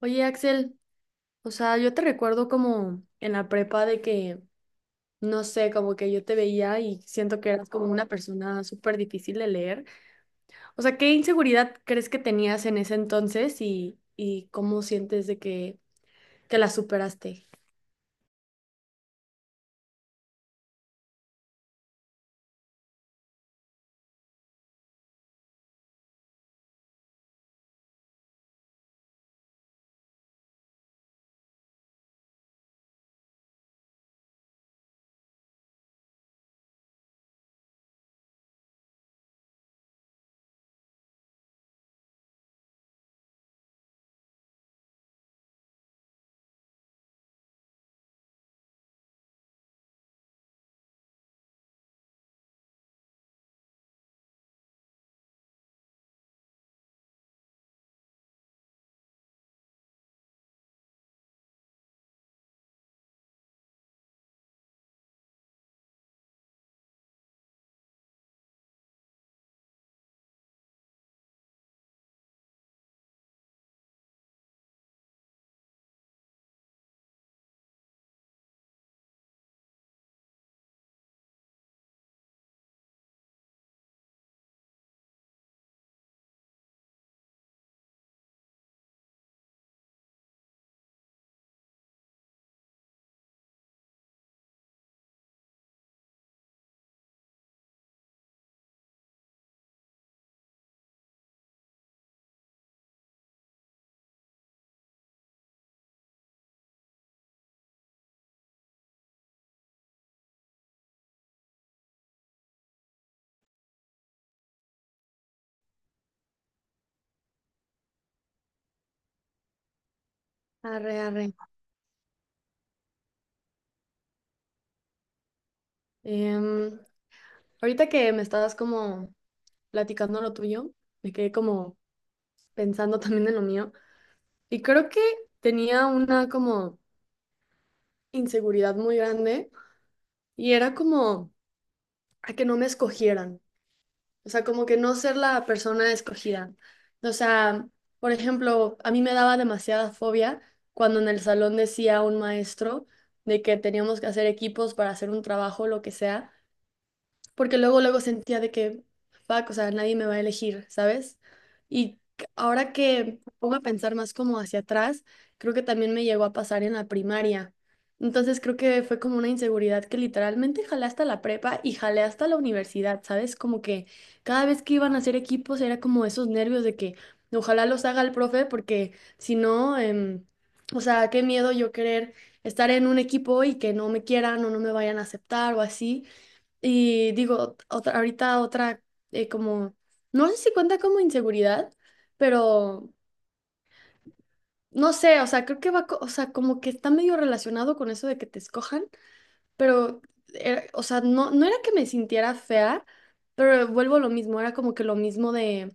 Oye, Axel, o sea, yo te recuerdo como en la prepa de que, no sé, como que yo te veía y siento que eras como una persona súper difícil de leer. O sea, ¿qué inseguridad crees que tenías en ese entonces y cómo sientes de que la superaste? Arre, arre. Em, ahorita que me estabas como platicando lo tuyo, me quedé como pensando también en lo mío y creo que tenía una como inseguridad muy grande y era como a que no me escogieran, o sea, como que no ser la persona escogida. O sea, por ejemplo, a mí me daba demasiada fobia cuando en el salón decía un maestro de que teníamos que hacer equipos para hacer un trabajo, lo que sea, porque luego luego sentía de que, fuck, o sea, nadie me va a elegir, ¿sabes? Ahora que me pongo a pensar más como hacia atrás, creo que también me llegó a pasar en la primaria. Entonces creo que fue como una inseguridad que literalmente jalé hasta la prepa y jalé hasta la universidad, ¿sabes? Como que cada vez que iban a hacer equipos era como esos nervios de que ojalá los haga el profe porque si no, o sea, qué miedo yo querer estar en un equipo y que no me quieran o no me vayan a aceptar o así. Y digo, otra, ahorita otra, como, no sé si cuenta como inseguridad, pero no sé, o sea, creo que va, o sea, como que está medio relacionado con eso de que te escojan, pero, o sea, no, no era que me sintiera fea, pero vuelvo a lo mismo, era como que lo mismo de,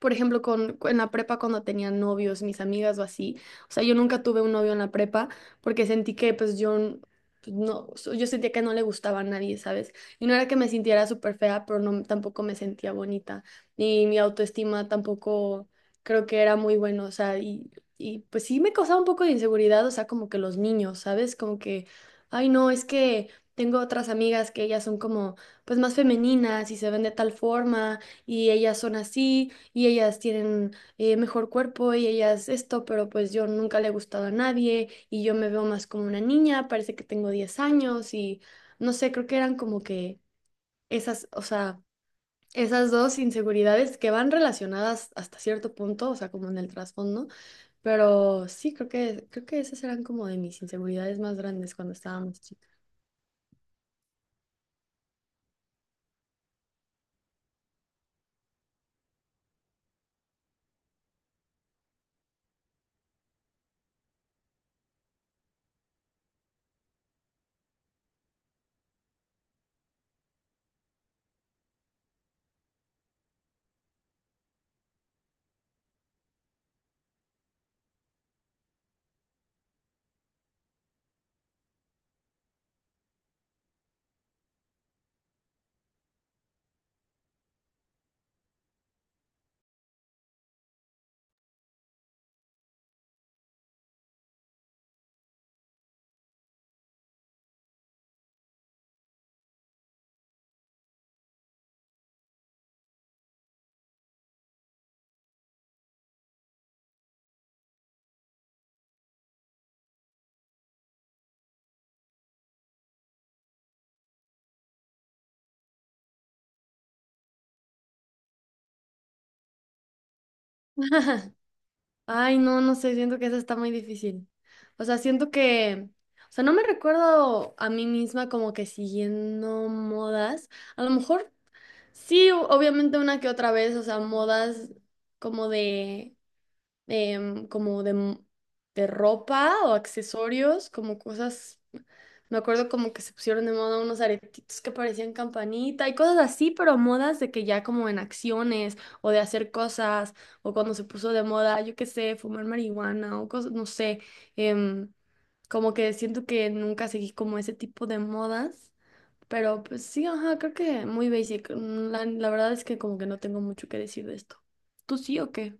por ejemplo, con, en la prepa cuando tenía novios, mis amigas o así. O sea, yo nunca tuve un novio en la prepa porque sentí que pues yo n- pues, no, so- yo sentía que no le gustaba a nadie, ¿sabes? Y no era que me sintiera súper fea, pero no, tampoco me sentía bonita. Y mi autoestima tampoco creo que era muy bueno, o sea, y pues sí me causaba un poco de inseguridad, o sea, como que los niños, ¿sabes? Como que, ay no, es que tengo otras amigas que ellas son como pues más femeninas y se ven de tal forma y ellas son así y ellas tienen mejor cuerpo y ellas esto, pero pues yo nunca le he gustado a nadie y yo me veo más como una niña, parece que tengo 10 años y no sé, creo que eran como que esas, o sea, esas dos inseguridades que van relacionadas hasta cierto punto, o sea, como en el trasfondo, pero sí, creo que esas eran como de mis inseguridades más grandes cuando estábamos chicas. Ay, no, no sé, siento que esa está muy difícil. O sea, siento que, o sea, no me recuerdo a mí misma como que siguiendo modas. A lo mejor sí, obviamente una que otra vez, o sea, modas como de como de ropa o accesorios, como cosas, me acuerdo como que se pusieron de moda unos aretitos que parecían campanita y cosas así, pero modas de que ya como en acciones o de hacer cosas o cuando se puso de moda, yo qué sé, fumar marihuana o cosas, no sé, em, como que siento que nunca seguí como ese tipo de modas. Pero pues sí, ajá, creo que muy basic. La verdad es que como que no tengo mucho que decir de esto. ¿Tú sí o qué?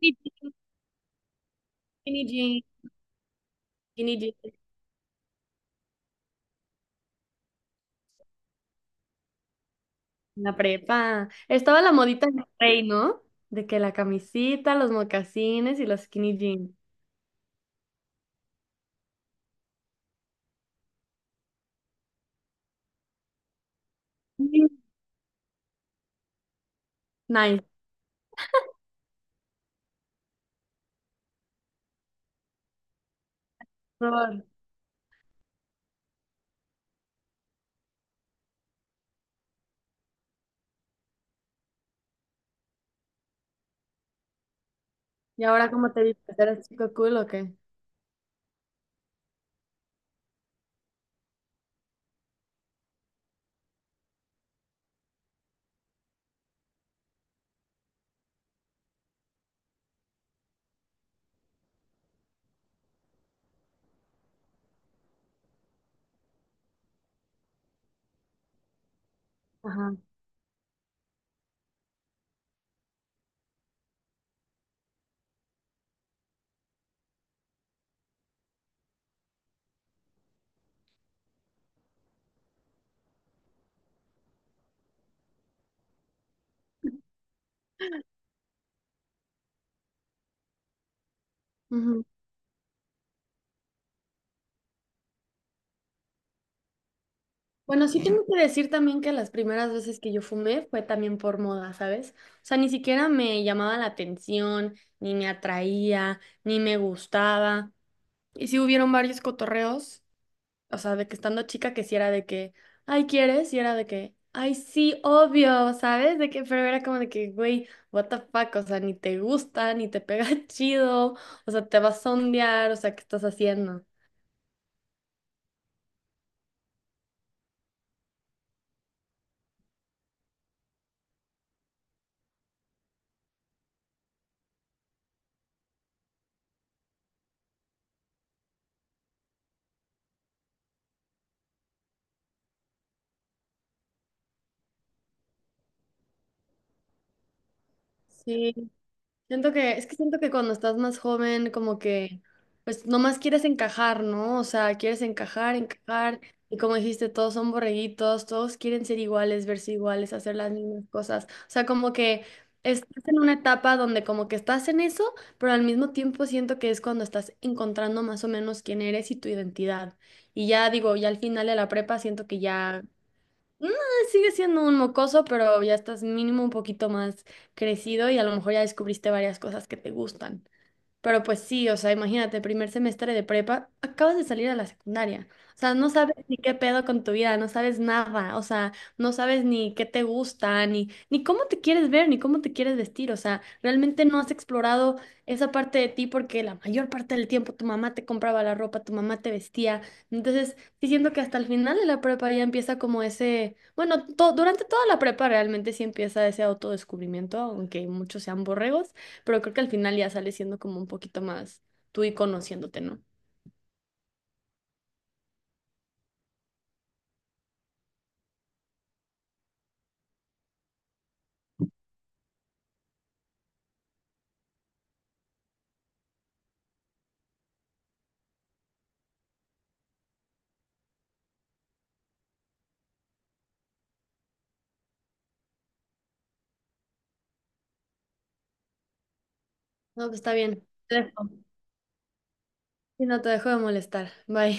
Sí, skinny jeans. Skinny jeans en la prepa. Estaba la modita en el rey, ¿no? De que la camisita, los mocasines y los skinny jeans. Sí. Nice. Por- ¿Y ahora cómo te dices? ¿Eres chico cool o qué? Ajá. Ujú. Bueno, sí tengo que decir también que las primeras veces que yo fumé fue también por moda, ¿sabes? O sea, ni siquiera me llamaba la atención, ni me atraía, ni me gustaba. Y sí hubieron varios cotorreos, o sea, de que estando chica que sí era de que, ay, ¿quieres? Y era de que, ay, sí, obvio, ¿sabes? De que, pero era como de que, güey, what the fuck, o sea, ni te gusta, ni te pega chido, o sea, te vas a sondear, o sea, ¿qué estás haciendo? Sí, siento que, es que siento que cuando estás más joven, como que, pues nomás quieres encajar, ¿no? O sea, quieres encajar, encajar, y como dijiste, todos son borreguitos, todos quieren ser iguales, verse iguales, hacer las mismas cosas. O sea, como que estás en una etapa donde como que estás en eso, pero al mismo tiempo siento que es cuando estás encontrando más o menos quién eres y tu identidad. Y ya digo, ya al final de la prepa siento que ya. No, sigue siendo un mocoso, pero ya estás mínimo un poquito más crecido y a lo mejor ya descubriste varias cosas que te gustan. Pero pues sí, o sea, imagínate, primer semestre de prepa, acabas de salir a la secundaria. O sea, no sabes ni qué pedo con tu vida, no sabes nada, o sea, no sabes ni qué te gusta, ni, ni cómo te quieres ver, ni cómo te quieres vestir. O sea, realmente no has explorado esa parte de ti porque la mayor parte del tiempo tu mamá te compraba la ropa, tu mamá te vestía. Entonces, sí siento que hasta el final de la prepa ya empieza como ese, bueno, durante toda la prepa realmente sí empieza ese autodescubrimiento, aunque muchos sean borregos. Pero creo que al final ya sales siendo como un poquito más tú y conociéndote, ¿no? No, que está bien. Te dejo. Y no te dejo de molestar. Bye.